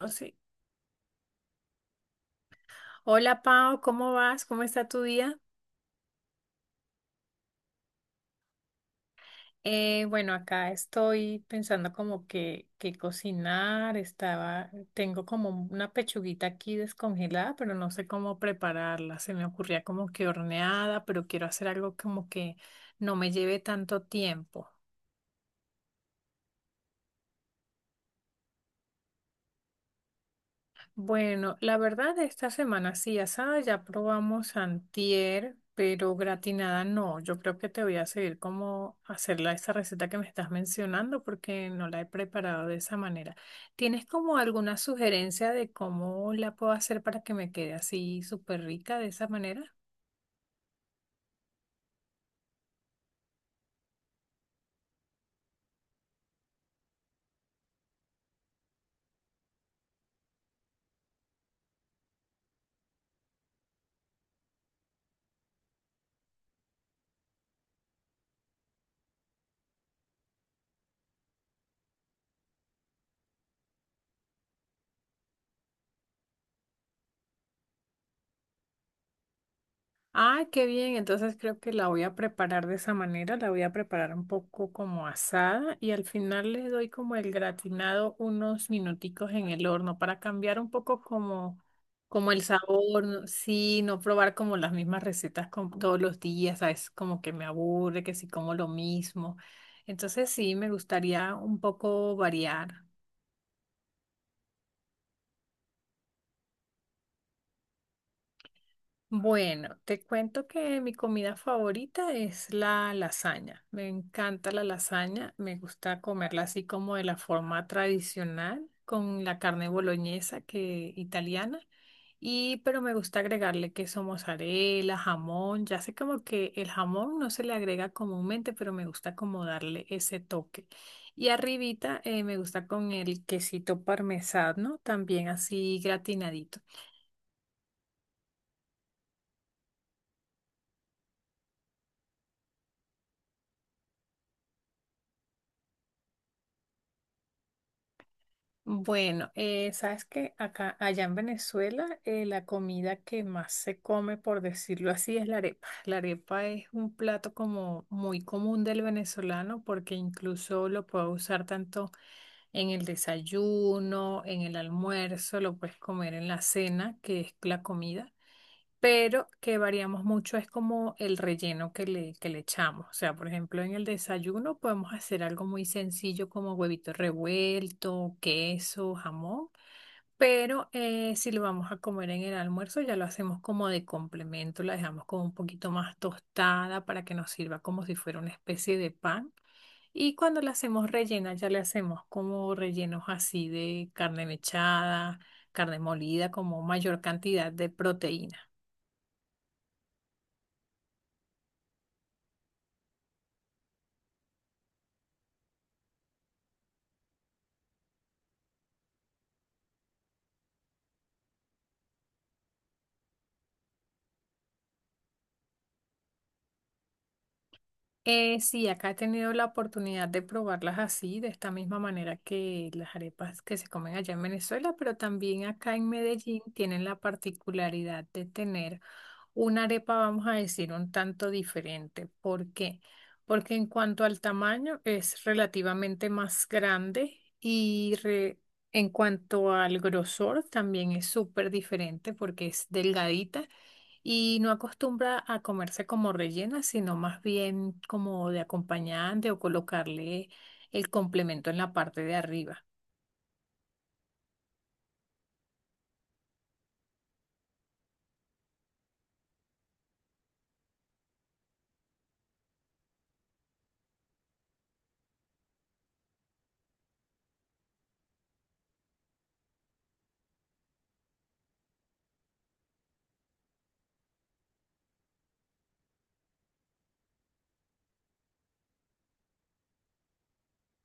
Oh, sí. Hola Pau, ¿cómo vas? ¿Cómo está tu día? Bueno, Acá estoy pensando como que cocinar. Estaba, tengo como una pechuguita aquí descongelada, pero no sé cómo prepararla. Se me ocurría como que horneada, pero quiero hacer algo como que no me lleve tanto tiempo. Bueno, la verdad, esta semana sí, asada ya probamos antier, pero gratinada no. Yo creo que te voy a seguir como hacerla esa receta que me estás mencionando porque no la he preparado de esa manera. ¿Tienes como alguna sugerencia de cómo la puedo hacer para que me quede así súper rica de esa manera? Ah, qué bien. Entonces creo que la voy a preparar de esa manera. La voy a preparar un poco como asada y al final le doy como el gratinado unos minuticos en el horno para cambiar un poco como, como el sabor. ¿No? Sí, no probar como las mismas recetas como todos los días, ¿sabes? Como que me aburre, que si como lo mismo. Entonces sí, me gustaría un poco variar. Bueno, te cuento que mi comida favorita es la lasaña. Me encanta la lasaña, me gusta comerla así como de la forma tradicional, con la carne boloñesa que italiana, y pero me gusta agregarle queso mozzarella, jamón. Ya sé como que el jamón no se le agrega comúnmente, pero me gusta como darle ese toque. Y arribita me gusta con el quesito parmesano, también así gratinadito. Bueno, sabes que acá, allá en Venezuela, la comida que más se come, por decirlo así, es la arepa. La arepa es un plato como muy común del venezolano porque incluso lo puedes usar tanto en el desayuno, en el almuerzo, lo puedes comer en la cena, que es la comida pero que variamos mucho es como el relleno que le echamos. O sea, por ejemplo, en el desayuno podemos hacer algo muy sencillo como huevito revuelto, queso, jamón, pero si lo vamos a comer en el almuerzo ya lo hacemos como de complemento, la dejamos como un poquito más tostada para que nos sirva como si fuera una especie de pan. Y cuando la hacemos rellena, ya le hacemos como rellenos así de carne mechada, carne molida, como mayor cantidad de proteína. Sí, acá he tenido la oportunidad de probarlas así, de esta misma manera que las arepas que se comen allá en Venezuela, pero también acá en Medellín tienen la particularidad de tener una arepa, vamos a decir, un tanto diferente. ¿Por qué? Porque en cuanto al tamaño es relativamente más grande y en cuanto al grosor también es súper diferente porque es delgadita y no acostumbra a comerse como rellena, sino más bien como de acompañante o colocarle el complemento en la parte de arriba.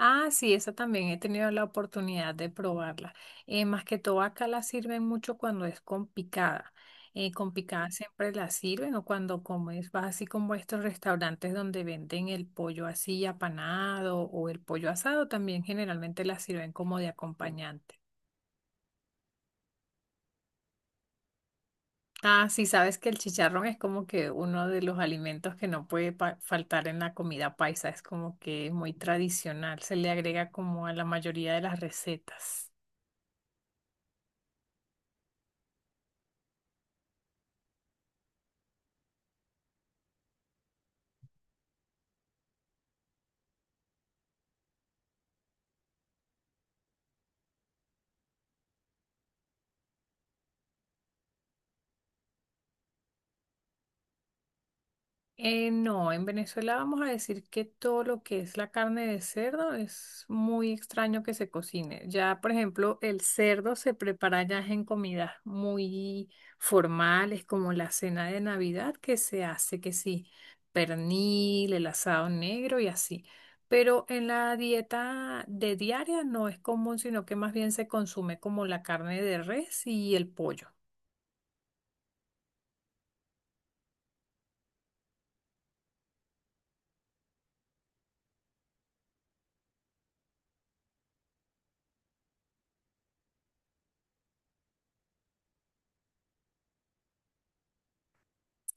Ah, sí, esa también he tenido la oportunidad de probarla. Más que todo acá la sirven mucho cuando es con picada. Con picada siempre la sirven o cuando comes, vas así como a estos restaurantes donde venden el pollo así apanado o el pollo asado, también generalmente la sirven como de acompañante. Ah, sí, sabes que el chicharrón es como que uno de los alimentos que no faltar en la comida paisa, es como que muy tradicional, se le agrega como a la mayoría de las recetas. No, en Venezuela vamos a decir que todo lo que es la carne de cerdo es muy extraño que se cocine. Ya, por ejemplo, el cerdo se prepara ya en comidas muy formales, como la cena de Navidad, que se hace que sí, pernil, el asado negro y así. Pero en la dieta de diaria no es común, sino que más bien se consume como la carne de res y el pollo.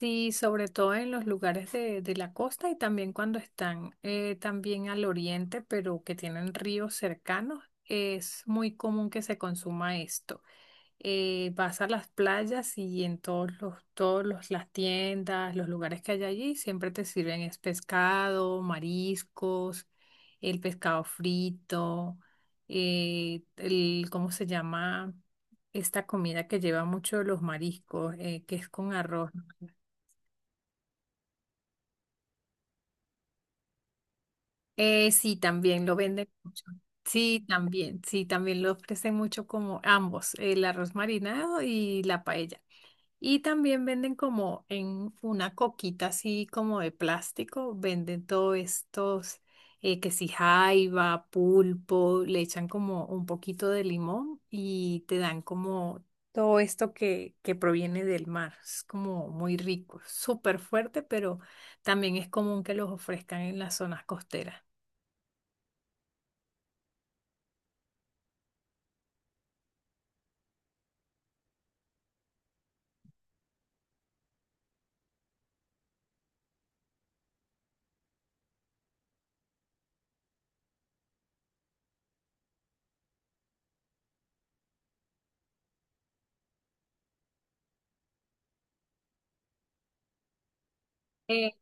Sí, sobre todo en los lugares de la costa y también cuando están también al oriente, pero que tienen ríos cercanos, es muy común que se consuma esto. Vas a las playas y en las tiendas, los lugares que hay allí, siempre te sirven es pescado, mariscos, el pescado frito, el, ¿cómo se llama? Esta comida que lleva mucho los mariscos, que es con arroz. ¿No? Sí, también lo venden mucho. Sí, también lo ofrecen mucho como ambos, el arroz marinado y la paella. Y también venden como en una coquita así como de plástico, venden todos estos, que si jaiba, pulpo, le echan como un poquito de limón y te dan como todo esto que proviene del mar. Es como muy rico, súper fuerte, pero también es común que los ofrezcan en las zonas costeras. Eh,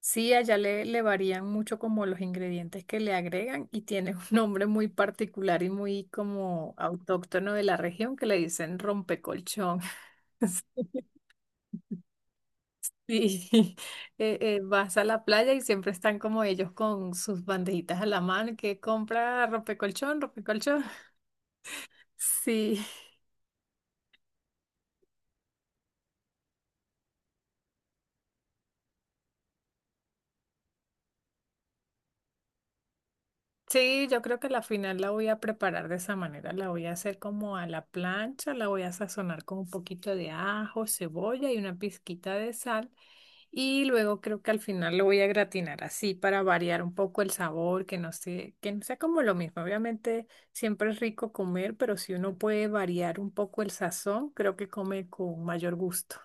sí, allá le varían mucho como los ingredientes que le agregan y tiene un nombre muy particular y muy como autóctono de la región que le dicen rompecolchón. Sí, vas a la playa y siempre están como ellos con sus bandejitas a la mano que compra rompecolchón, rompecolchón. Sí, sí, yo creo que la final la voy a preparar de esa manera, la voy a hacer como a la plancha, la voy a sazonar con un poquito de ajo, cebolla y una pizquita de sal. Y luego creo que al final lo voy a gratinar así para variar un poco el sabor, que no sé que no sea como lo mismo. Obviamente siempre es rico comer, pero si uno puede variar un poco el sazón, creo que come con mayor gusto.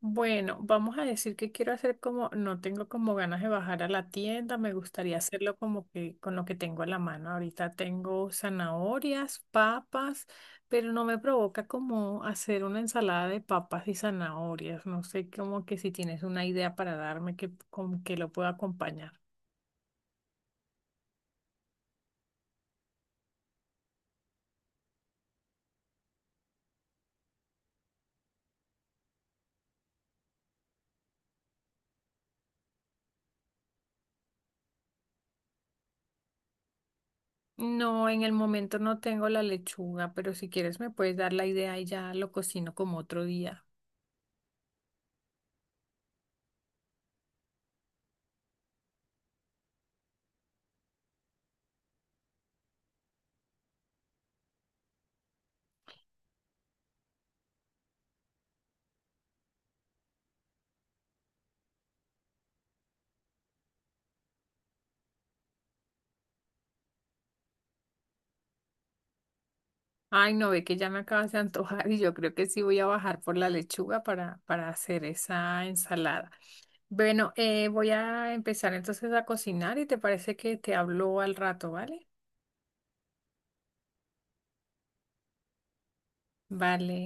Bueno, vamos a decir que quiero hacer como, no tengo como ganas de bajar a la tienda, me gustaría hacerlo como que con lo que tengo en la mano. Ahorita tengo zanahorias, papas, pero no me provoca como hacer una ensalada de papas y zanahorias. No sé, como que si tienes una idea para darme que, con que lo pueda acompañar. No, en el momento no tengo la lechuga, pero si quieres me puedes dar la idea y ya lo cocino como otro día. Ay, no, ve que ya me acabas de antojar y yo creo que sí voy a bajar por la lechuga para hacer esa ensalada. Bueno, voy a empezar entonces a cocinar y te parece que te hablo al rato, ¿vale? Vale.